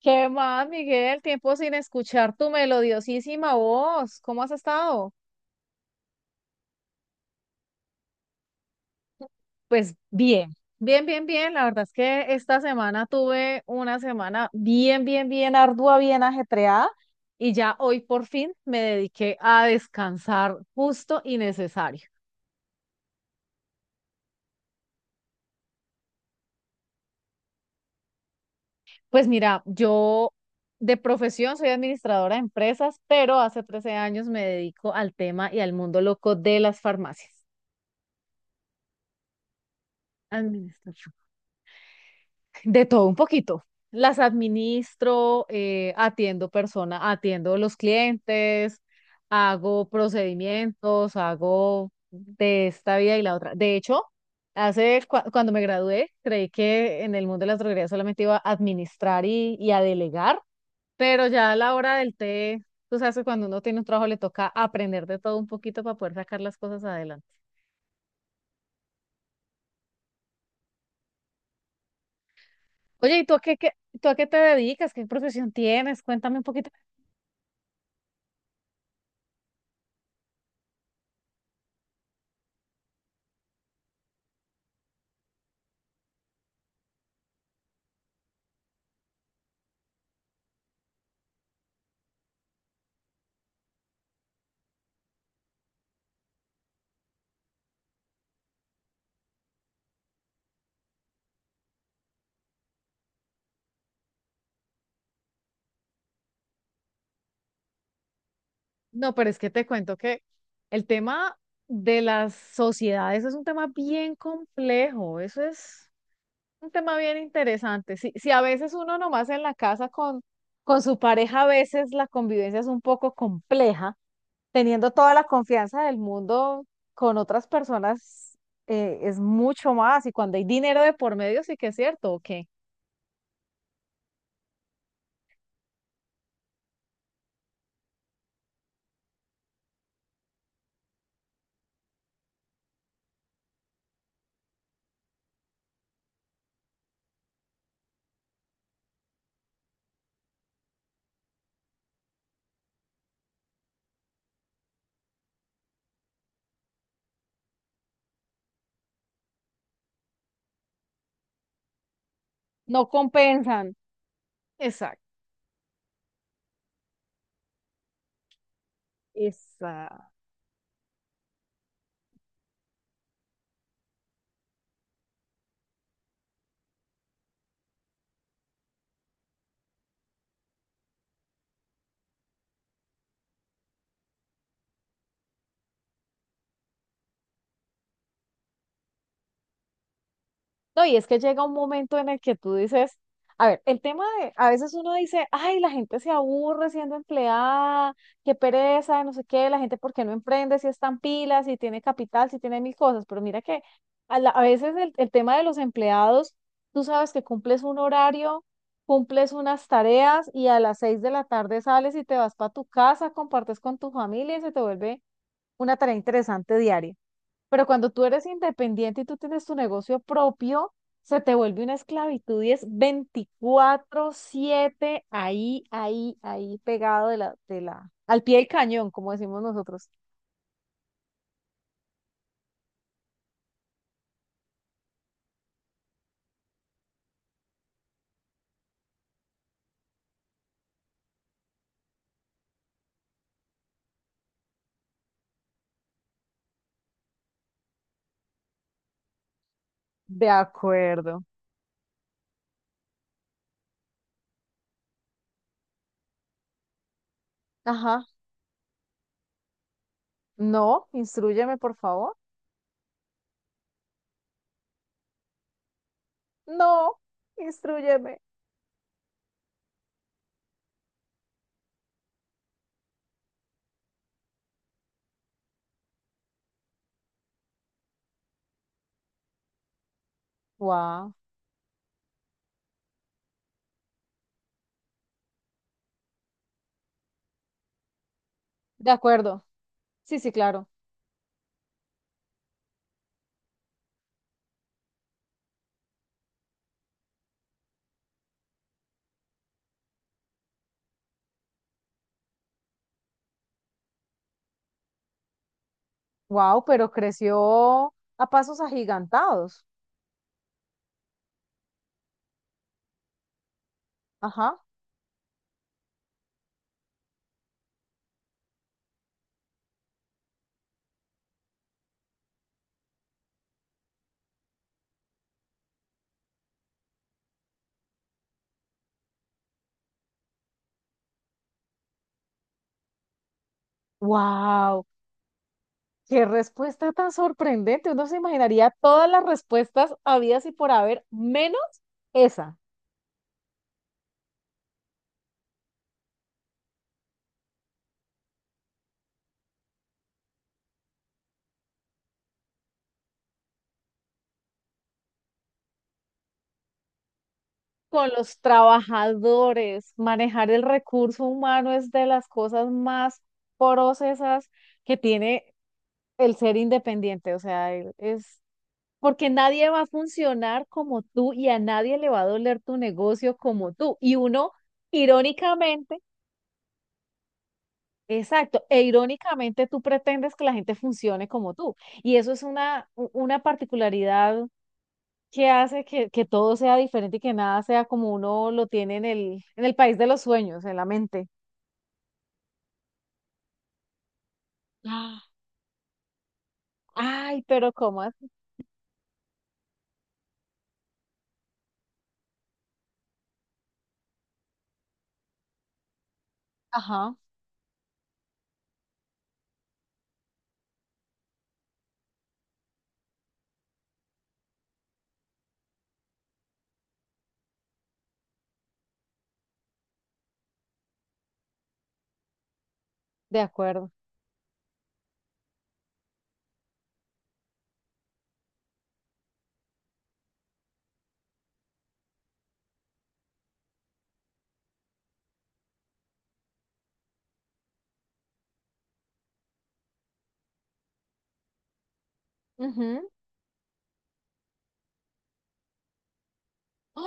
¿Qué más, Miguel? Tiempo sin escuchar tu melodiosísima voz. ¿Cómo has estado? Pues bien. Bien, bien, bien. La verdad es que esta semana tuve una semana bien, bien, bien ardua, bien ajetreada y ya hoy por fin me dediqué a descansar justo y necesario. Pues mira, yo de profesión soy administradora de empresas, pero hace 13 años me dedico al tema y al mundo loco de las farmacias. Administración. De todo un poquito. Las administro, atiendo personas, atiendo los clientes, hago procedimientos, hago de esta vida y la otra. De hecho, cuando me gradué, creí que en el mundo de la droguería solamente iba a administrar y a delegar, pero ya a la hora del té, tú sabes que cuando uno tiene un trabajo le toca aprender de todo un poquito para poder sacar las cosas adelante. Oye, ¿y tú a qué, tú a qué te dedicas? ¿Qué profesión tienes? Cuéntame un poquito. No, pero es que te cuento que el tema de las sociedades es un tema bien complejo, eso es un tema bien interesante. Si a veces uno nomás en la casa con su pareja, a veces la convivencia es un poco compleja, teniendo toda la confianza del mundo con otras personas, es mucho más, y cuando hay dinero de por medio sí que es cierto, que no compensan. Exacto. No, y es que llega un momento en el que tú dices, a ver, el tema de, a veces uno dice, ay, la gente se aburre siendo empleada, qué pereza, no sé qué, la gente por qué no emprende si es tan pila, si tiene capital, si tiene mil cosas, pero mira que a veces el tema de los empleados, tú sabes que cumples un horario, cumples unas tareas y a las 6 de la tarde sales y te vas para tu casa, compartes con tu familia y se te vuelve una tarea interesante diaria. Pero cuando tú eres independiente y tú tienes tu negocio propio, se te vuelve una esclavitud y es 24/7 ahí, ahí, ahí pegado al pie del cañón, como decimos nosotros. De acuerdo. Ajá. No, instrúyeme, por favor. No, instrúyeme. Wow. De acuerdo. Sí, sí, claro. Wow, pero creció a pasos agigantados. Ajá. Wow. Qué respuesta tan sorprendente. Uno se imaginaría todas las respuestas habidas y por haber, menos esa. Con los trabajadores, manejar el recurso humano es de las cosas más porosas que tiene el ser independiente. O sea, es porque nadie va a funcionar como tú y a nadie le va a doler tu negocio como tú. Y uno, irónicamente, exacto, e irónicamente tú pretendes que la gente funcione como tú. Y eso es una particularidad que hace que todo sea diferente y que nada sea como uno lo tiene en el país de los sueños, en la mente. Ah, ay, pero ¿cómo es? Ajá, de acuerdo. Ujú.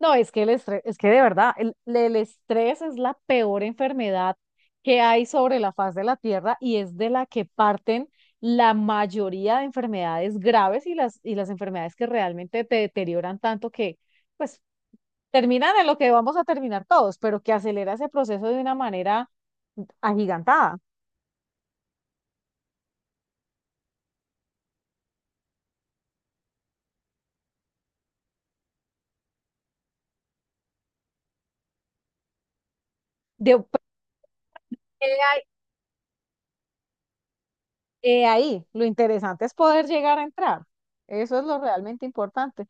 No, es que el estrés, es que de verdad, el estrés es la peor enfermedad que hay sobre la faz de la Tierra y es de la que parten la mayoría de enfermedades graves y las enfermedades que realmente te deterioran tanto que, pues, terminan en lo que vamos a terminar todos, pero que acelera ese proceso de una manera agigantada. De, he ahí, he ahí, lo interesante es poder llegar a entrar. Eso es lo realmente importante.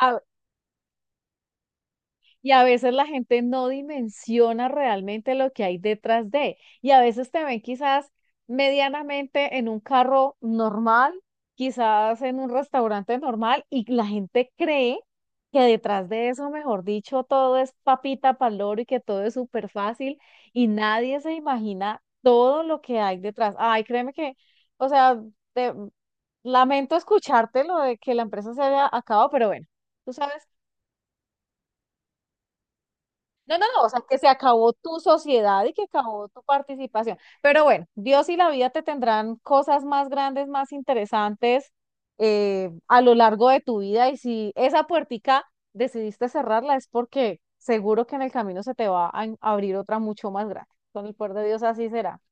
A- Y a veces la gente no dimensiona realmente lo que hay detrás de. Y a veces te ven quizás medianamente en un carro normal, quizás en un restaurante normal, y la gente cree que detrás de eso, mejor dicho, todo es papita paloro y que todo es súper fácil, y nadie se imagina todo lo que hay detrás. Ay, créeme que, o sea, te- lamento escucharte lo de que la empresa se haya acabado, pero bueno. Tú sabes. No, no, no, o sea, que se acabó tu sociedad y que acabó tu participación. Pero bueno, Dios y la vida te tendrán cosas más grandes, más interesantes, a lo largo de tu vida. Y si esa puertica decidiste cerrarla es porque seguro que en el camino se te va a abrir otra mucho más grande. Con el poder de Dios así será.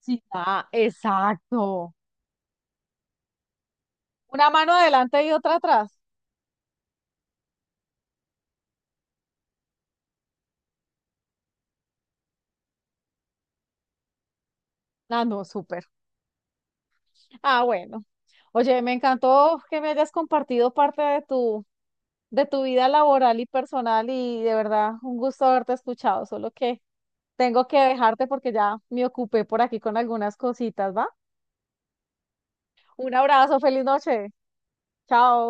Sí. Ah, exacto. Una mano adelante y otra atrás. Ah, no, súper. Ah, bueno. Oye, me encantó que me hayas compartido parte de tu vida laboral y personal y de verdad un gusto haberte escuchado, solo que tengo que dejarte porque ya me ocupé por aquí con algunas cositas, ¿va? Un abrazo, feliz noche. Chao.